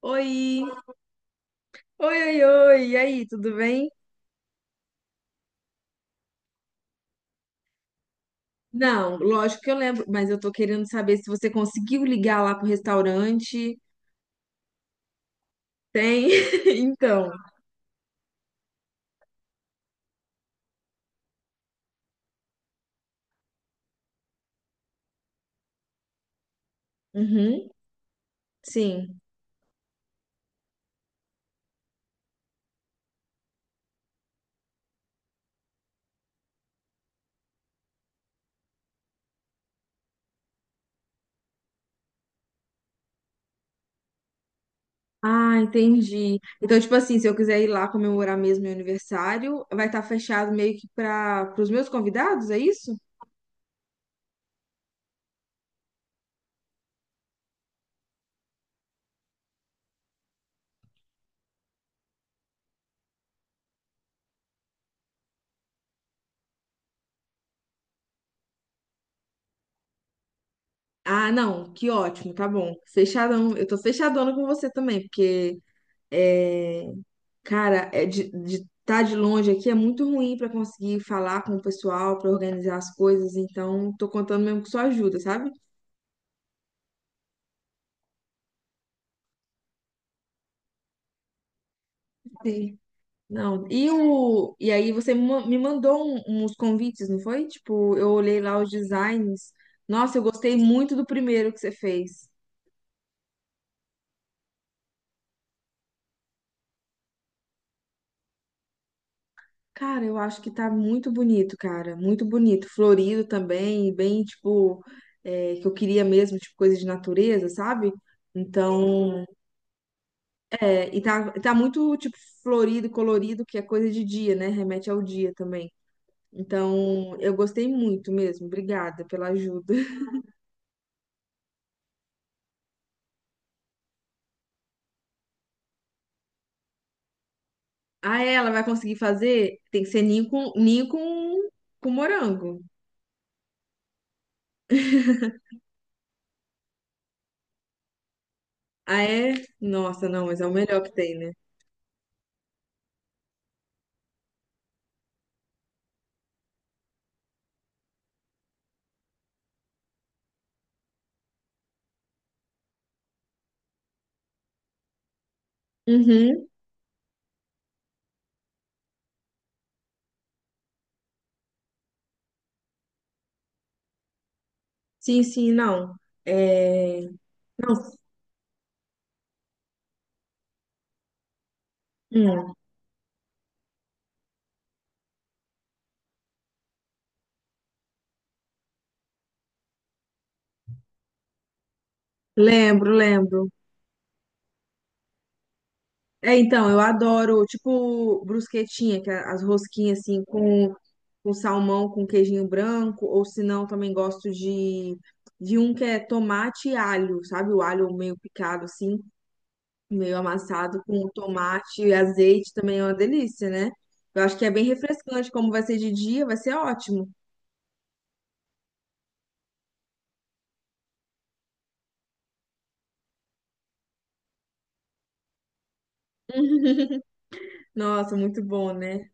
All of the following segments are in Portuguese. Oi. Oi, e aí, tudo bem? Não, lógico que eu lembro, mas eu tô querendo saber se você conseguiu ligar lá pro restaurante. Tem, então. Uhum, sim. Ah, entendi. Então, tipo assim, se eu quiser ir lá comemorar mesmo meu aniversário, vai estar fechado meio que para os meus convidados, é isso? Ah, não, que ótimo, tá bom. Fechadão, eu tô fechadona com você também, porque cara, é de estar de longe aqui é muito ruim pra conseguir falar com o pessoal, pra organizar as coisas, então tô contando mesmo com sua ajuda, sabe? Sei. Não, e o e aí você me mandou uns convites, não foi? Tipo, eu olhei lá os designs. Nossa, eu gostei muito do primeiro que você fez. Cara, eu acho que tá muito bonito, cara, muito bonito, florido também, bem tipo é, que eu queria mesmo, tipo coisa de natureza, sabe? Então, é, e tá, tá muito, tipo, florido, colorido, que é coisa de dia, né? Remete ao dia também. Então, eu gostei muito mesmo. Obrigada pela ajuda. Ah, é, ela vai conseguir fazer? Tem que ser ninho com morango. Ah, é? Nossa, não, mas é o melhor que tem, né? Uhum. Sim, sim, não. É... Não, hum, lembro, lembro. É, então, eu adoro, tipo, brusquetinha, que é as rosquinhas, assim, com salmão, com queijinho branco, ou se não, também gosto de um que é tomate e alho, sabe? O alho meio picado assim, meio amassado com tomate e azeite também é uma delícia, né? Eu acho que é bem refrescante, como vai ser de dia, vai ser ótimo. Nossa, muito bom, né?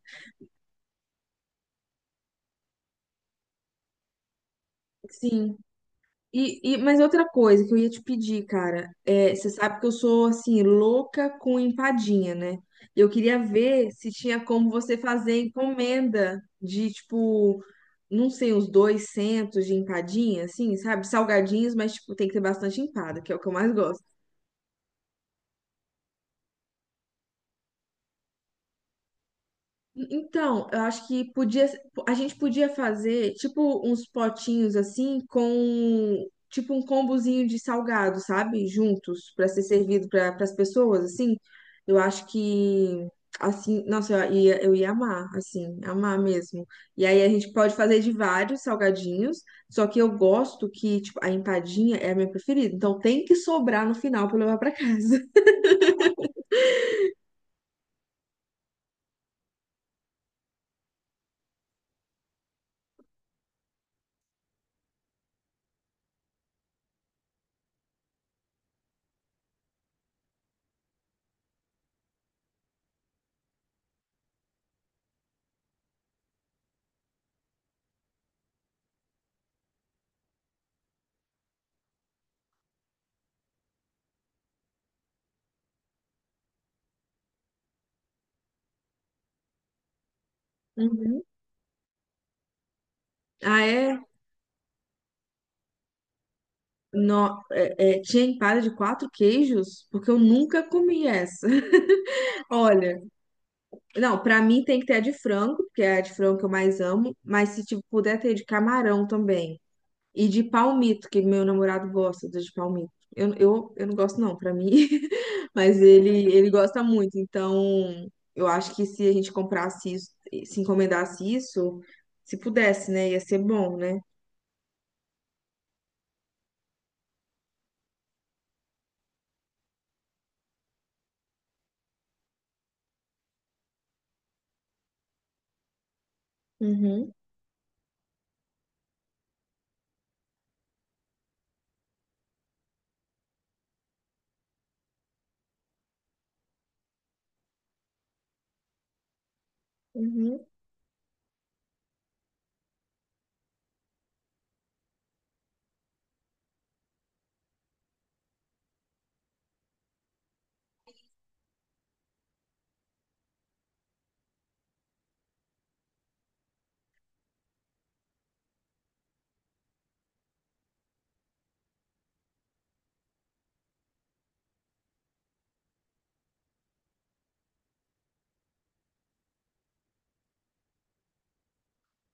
Sim. E mas outra coisa que eu ia te pedir, cara, é, você sabe que eu sou assim louca com empadinha, né? Eu queria ver se tinha como você fazer encomenda de tipo, não sei, uns 200 de empadinha, assim, sabe? Salgadinhos, mas tipo tem que ter bastante empada, que é o que eu mais gosto. Então, eu acho que podia, a gente podia fazer tipo uns potinhos assim com tipo um combozinho de salgado, sabe? Juntos para ser servido para as pessoas assim. Eu acho que assim, nossa, eu ia amar, assim, amar mesmo. E aí a gente pode fazer de vários salgadinhos, só que eu gosto que tipo a empadinha é a minha preferida. Então tem que sobrar no final para levar para casa. Uhum. Ah, é? No, é, tinha empada de quatro queijos, porque eu nunca comi essa. Olha, não, pra mim tem que ter a de frango, porque é a de frango que eu mais amo, mas se tipo, puder ter de camarão também. E de palmito, que meu namorado gosta do de palmito. Eu não gosto não, pra mim, mas ele gosta muito. Então, eu acho que se a gente comprasse isso, se encomendasse isso, se pudesse, né, ia ser bom, né? Uhum, uhum.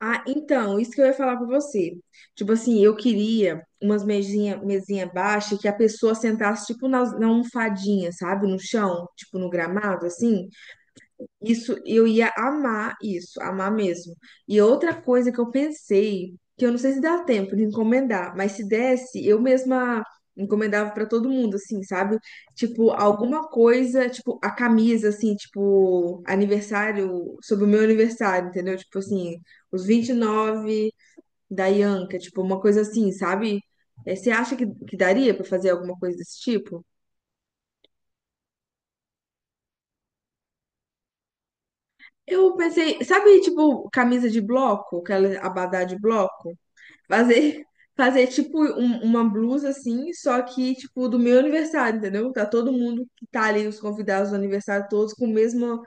Ah, então, isso que eu ia falar pra você. Tipo assim, eu queria mesinha baixa que a pessoa sentasse tipo na almofadinha, sabe? No chão, tipo no gramado, assim. Isso, eu ia amar isso, amar mesmo. E outra coisa que eu pensei, que eu não sei se dá tempo de encomendar, mas se desse, eu mesma encomendava pra todo mundo, assim, sabe? Tipo, alguma coisa, tipo, a camisa, assim, tipo, aniversário, sobre o meu aniversário, entendeu? Tipo assim, os 29 da Ianca, tipo, uma coisa assim, sabe? Você acha que daria pra fazer alguma coisa desse tipo? Eu pensei, sabe, tipo, camisa de bloco, aquela abadá de bloco? Fazer, fazer tipo uma blusa assim, só que tipo do meu aniversário, entendeu? Tá todo mundo que tá ali, os convidados do aniversário, todos com o mesmo.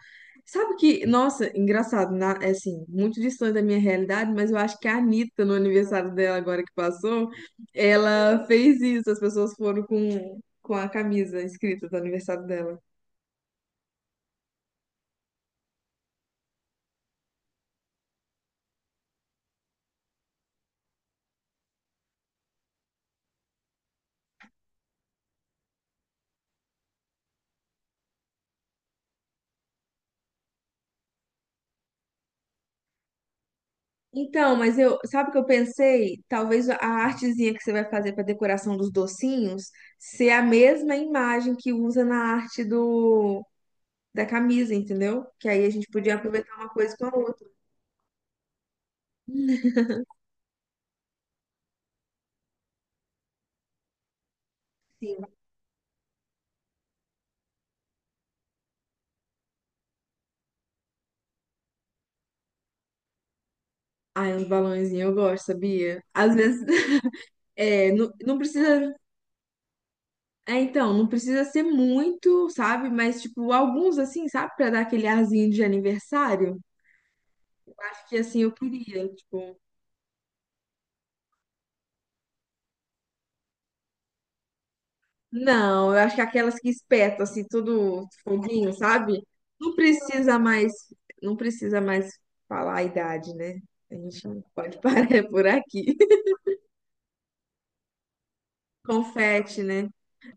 Sabe que, nossa, engraçado, na, é assim, muito distante da minha realidade, mas eu acho que a Anitta, no aniversário dela agora que passou, ela fez isso, as pessoas foram com a camisa escrita do aniversário dela. Então, mas eu, sabe o que eu pensei? Talvez a artezinha que você vai fazer para decoração dos docinhos ser a mesma imagem que usa na arte do da camisa, entendeu? Que aí a gente podia aproveitar uma coisa com a outra. Sim. Ai, uns balãozinhos, eu gosto, sabia? Às vezes, é, não, não precisa. É, então, não precisa ser muito, sabe? Mas, tipo, alguns assim, sabe? Pra dar aquele arzinho de aniversário. Eu acho que assim eu queria. Tipo, não, eu acho que aquelas que espetam assim tudo foguinho, sabe? Não precisa mais, não precisa mais falar a idade, né? A gente não pode parar por aqui. Confete, né?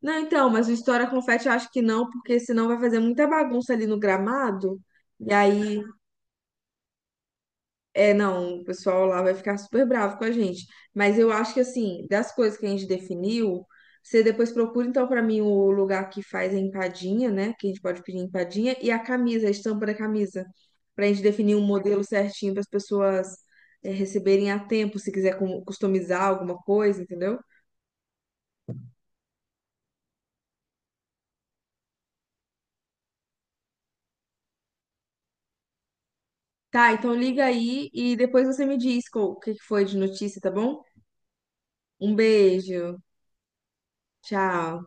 Não, então, mas o História Confete eu acho que não, porque senão vai fazer muita bagunça ali no gramado. E aí é, não, o pessoal lá vai ficar super bravo com a gente. Mas eu acho que, assim, das coisas que a gente definiu, você depois procura, então, pra mim, o lugar que faz a empadinha, né? Que a gente pode pedir empadinha, e a camisa, a estampa da camisa. Pra gente definir um modelo certinho para as pessoas, é, receberem a tempo, se quiser customizar alguma coisa, entendeu? Tá, então liga aí e depois você me diz o que que foi de notícia, tá bom? Um beijo, tchau.